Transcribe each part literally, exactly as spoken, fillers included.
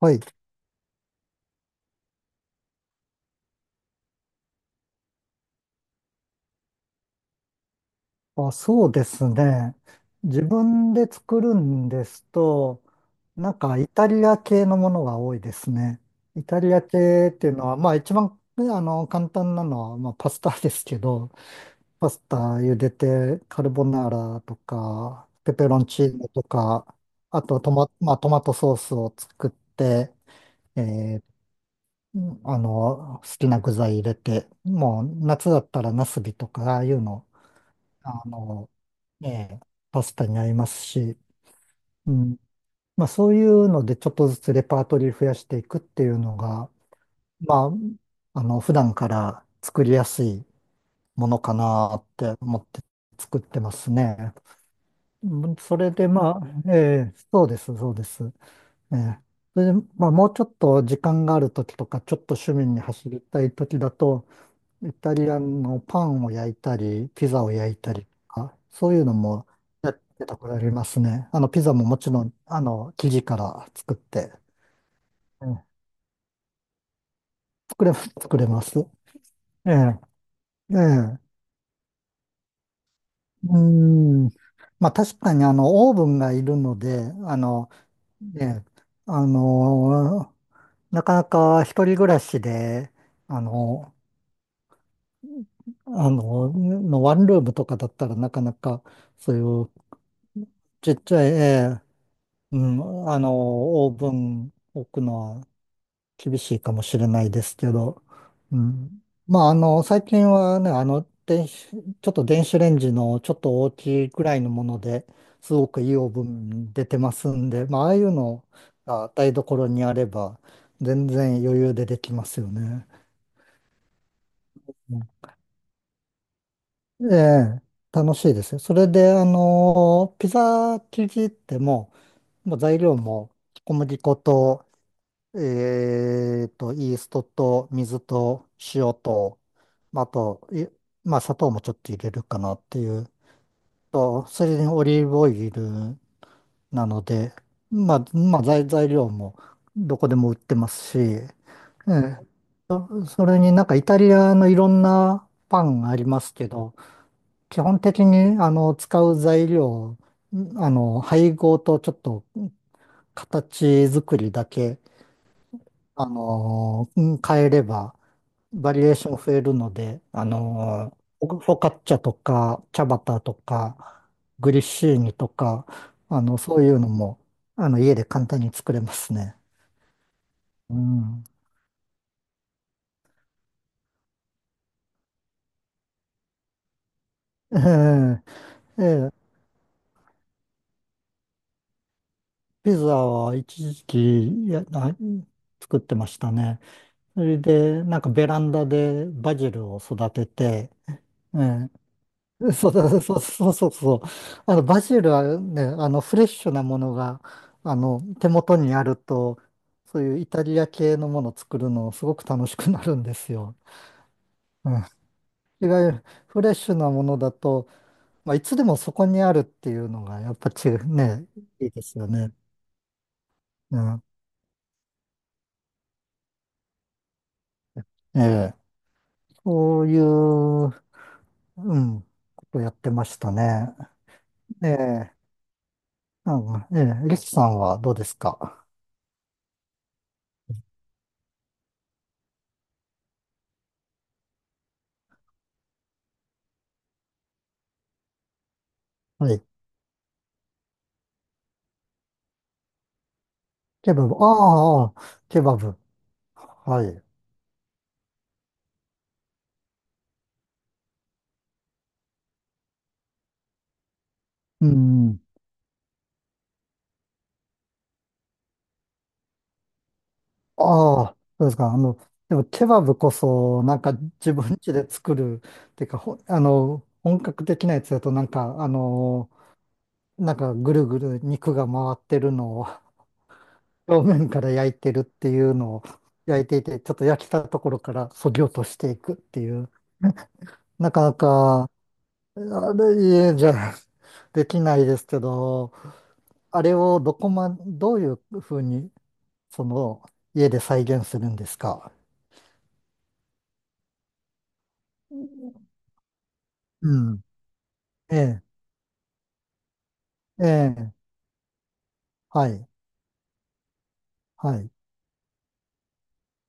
はい。あ、そうですね。自分で作るんですと、なんかイタリア系のものが多いですね。イタリア系っていうのは、まあ一番、ねあの、簡単なのは、まあパスタですけど、パスタ茹でて、カルボナーラとか、ペペロンチーノとか、あとトマ、まあ、トマトソースを作って、えーあの、好きな具材入れて、もう夏だったらナスビとか、ああいうのあの、ええ、パスタに合りますし、うん。まあそういうのでちょっとずつレパートリー増やしていくっていうのが、まあ、あの、普段から作りやすいものかなって思って作ってますね。うん。それでまあ、ええ、そうです、そうです。ええ。それで、まあもうちょっと時間があるときとか、ちょっと趣味に走りたいときだと、イタリアンのパンを焼いたり、ピザを焼いたりとか、そういうのもやってたことありますね。あの、ピザももちろん、あの、生地から作って、ええ。作れ、作れます。ええ、ええ、うーん。まあ確かにあの、オーブンがいるので、あの、ええ、あの、なかなか一人暮らしで、あの、あの、のワンルームとかだったらなかなか、そういうちっちゃい、ええ。うん、あの、オーブン置くのは厳しいかもしれないですけど、うん。まあ、あの、最近はね、あの、電子、ちょっと電子レンジのちょっと大きいくらいのもので、すごくいいオーブン出てますんで、まあ、ああいうのが台所にあれば全然余裕でできますよね。うん。ええ、楽しいですよ。それで、あの、ピザ生地ってもう、もう材料も小麦粉と、えーと、イーストと水と塩と、まああと、いまあ、砂糖もちょっと入れるかなっていう。と、それにオリーブオイルなので、まあ、まあ、材、材料もどこでも売ってますし、ええ。それになんかイタリアのいろんなパンがありますけど、基本的にあの使う材料、あの配合とちょっと形作りだけ、あの変えればバリエーション増えるので、あのーフォフォカッチャとか、チャバタとか、グリッシーニとか、あの、そういうのも、あの、家で簡単に作れますね。うん。ええ、ええ、ピザは一時期、いや、な作ってましたね。それで、なんかベランダでバジルを育てて、ええ。そうそう、 そうそうそうそう。あの、バジルはね、あの、フレッシュなものが、あの、手元にあると、そういうイタリア系のものを作るのすごく楽しくなるんですよ。うん。いわゆるフレッシュなものだと、まあ、いつでもそこにあるっていうのが、やっぱ違うね、いいですよね。うん。ええ。そういう、うん、ことやってましたね。ええ。うん、ええ。リスさんはどうですか？はい。ケバブ。ああ、ああケバブ。はい。うん。ああ、そうですか。あの、でもケバブこそ、なんか自分家で作る、っていうか、ほ、あの、本格的なやつだと、なんか、あの、なんかぐるぐる肉が回ってるのを 表面から焼いてるっていうのを焼いていて、ちょっと焼きたところから削ぎ落としていくっていう、なかなか、あれ、家じゃできないですけど、あれをどこま、どういうふうに、その、家で再現するんですか？うん。ええ、ええ、はい、はい。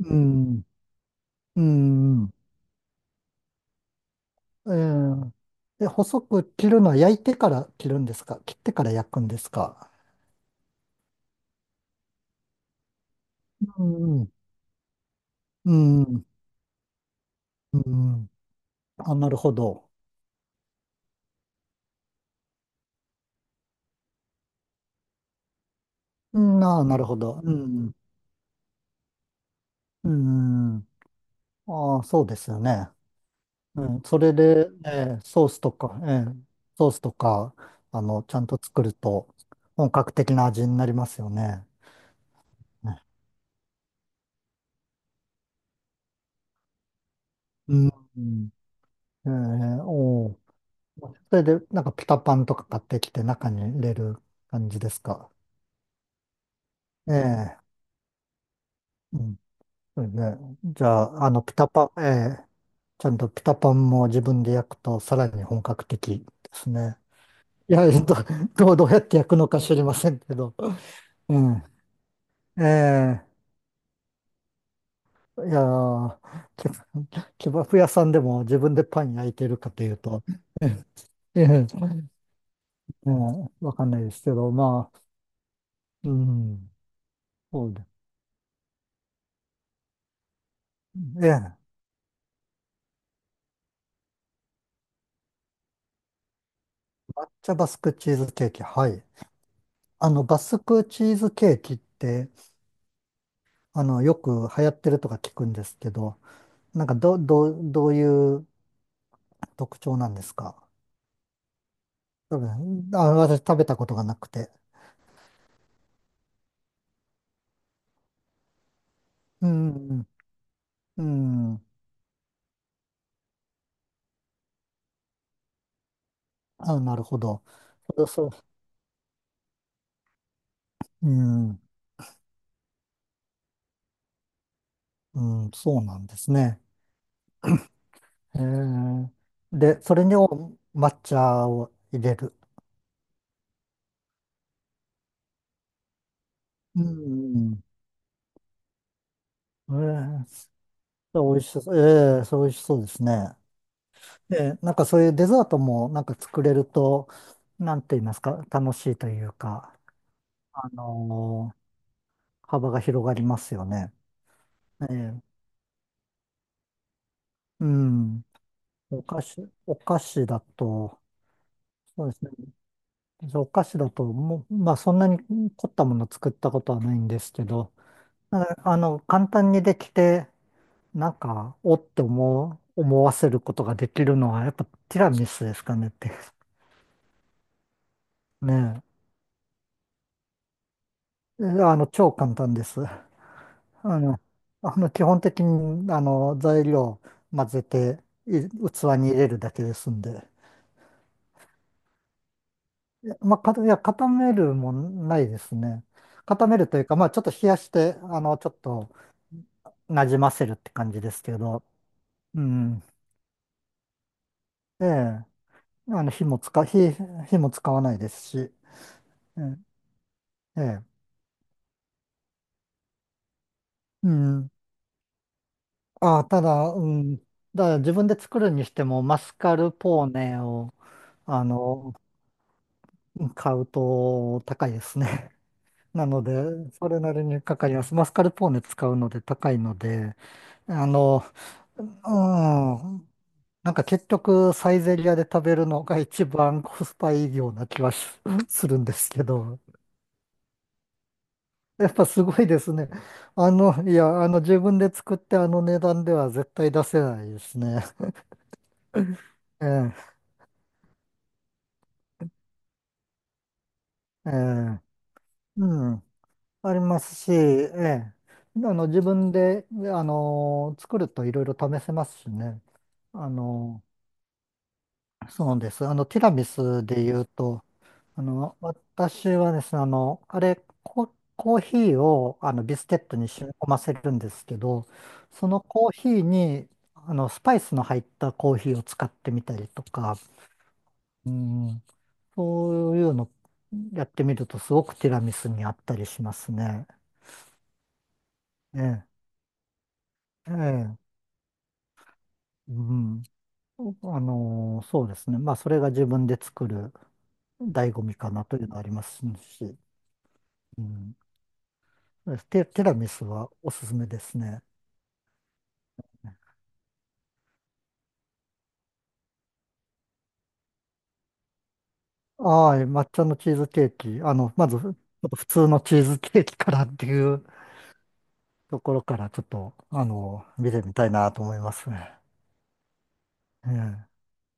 うん、うん、ええ。で、細く切るのは焼いてから切るんですか、切ってから焼くんですか？うん、うん、うん。あ、なるほど。うん、あ、なるほど。うん、うん。ああ、そうですよね。うん、それで、ええ、ソースとか、ええ、ソースとか、あの、ちゃんと作ると本格的な味になりますよね。ね。うん。ええ、おお。それで、なんかピタパンとか買ってきて中に入れる感じですか。ええ、うん。それで、じゃあ、あの、ピタパン、ええ、ちゃんとピタパンも自分で焼くとさらに本格的ですね。いや、ど、どう、どうやって焼くのか知りませんけど。うん。ええ、いやー、けケバフ屋さんでも自分でパン焼いてるかというと、ええ、ええ、わかんないですけど、まあ、うん、そうです。ええ。抹茶バスクチーズケーキ。はい。あの、バスクチーズケーキって、あの、よく流行ってるとか聞くんですけど、なんかど、どう、どういう特徴なんですか？多分、あ、私食べたことがなくて。うん、うん。あ、なるほど。そう、そう、うん、うん、そうなんですね。へえ。で、それにお抹茶を入れる。うん、ええ、それ美味しそう。ええ、それ美味しそうですね。で、なんかそういうデザートもなんか作れると、なんて言いますか、楽しいというか、あのー幅が広がりますよね。ええ、うん。お菓子、お菓子だと、そうですね。お菓子だと、もう、まあそんなに凝ったもの作ったことはないんですけど、なんかあの、簡単にできて、なんか、おって思う、思わせることができるのは、やっぱティラミスですかねって。ねえ。え、あの、超簡単です。あの、あの基本的にあの材料混ぜてい器に入れるだけですんで。いやまあ、かいや、固めるもないですね。固めるというか、まあ、ちょっと冷やして、あの、ちょっとなじませるって感じですけど、うん。ええ、あの、火も使、火、火も使わないですし、ええ、ええ。うん。ああ、ただ、うん。だから自分で作るにしても、マスカルポーネを、あの、買うと高いですね。なので、それなりにかかります。マスカルポーネ使うので高いので、あの、うん、なんか結局サイゼリアで食べるのが一番コスパいいような気はし するんですけど、やっぱすごいですね。あの、いや、あの自分で作ってあの値段では絶対出せないですね。ええ、ええ、うん、ありますし、ええ、あの自分で、あの、作るといろいろ試せますしね。あのそうです。あの、ティラミスで言うと、あの、私はですね、あの、あれ、コ、コーヒーをあのビスケットに染み込ませるんですけど、そのコーヒーに、あの、スパイスの入ったコーヒーを使ってみたりとか、うん、そういうのやってみると、すごくティラミスにあったりしますね。ええ、ええ、うん。あの、そうですね。まあ、それが自分で作る醍醐味かなというのはありますし、うん。テ、ティラミスはおすすめですね。はい、抹茶のチーズケーキ。あの、まず、ちょっと普通のチーズケーキからっていうところから、ちょっと、あの、見てみたいなと思いますね。ええ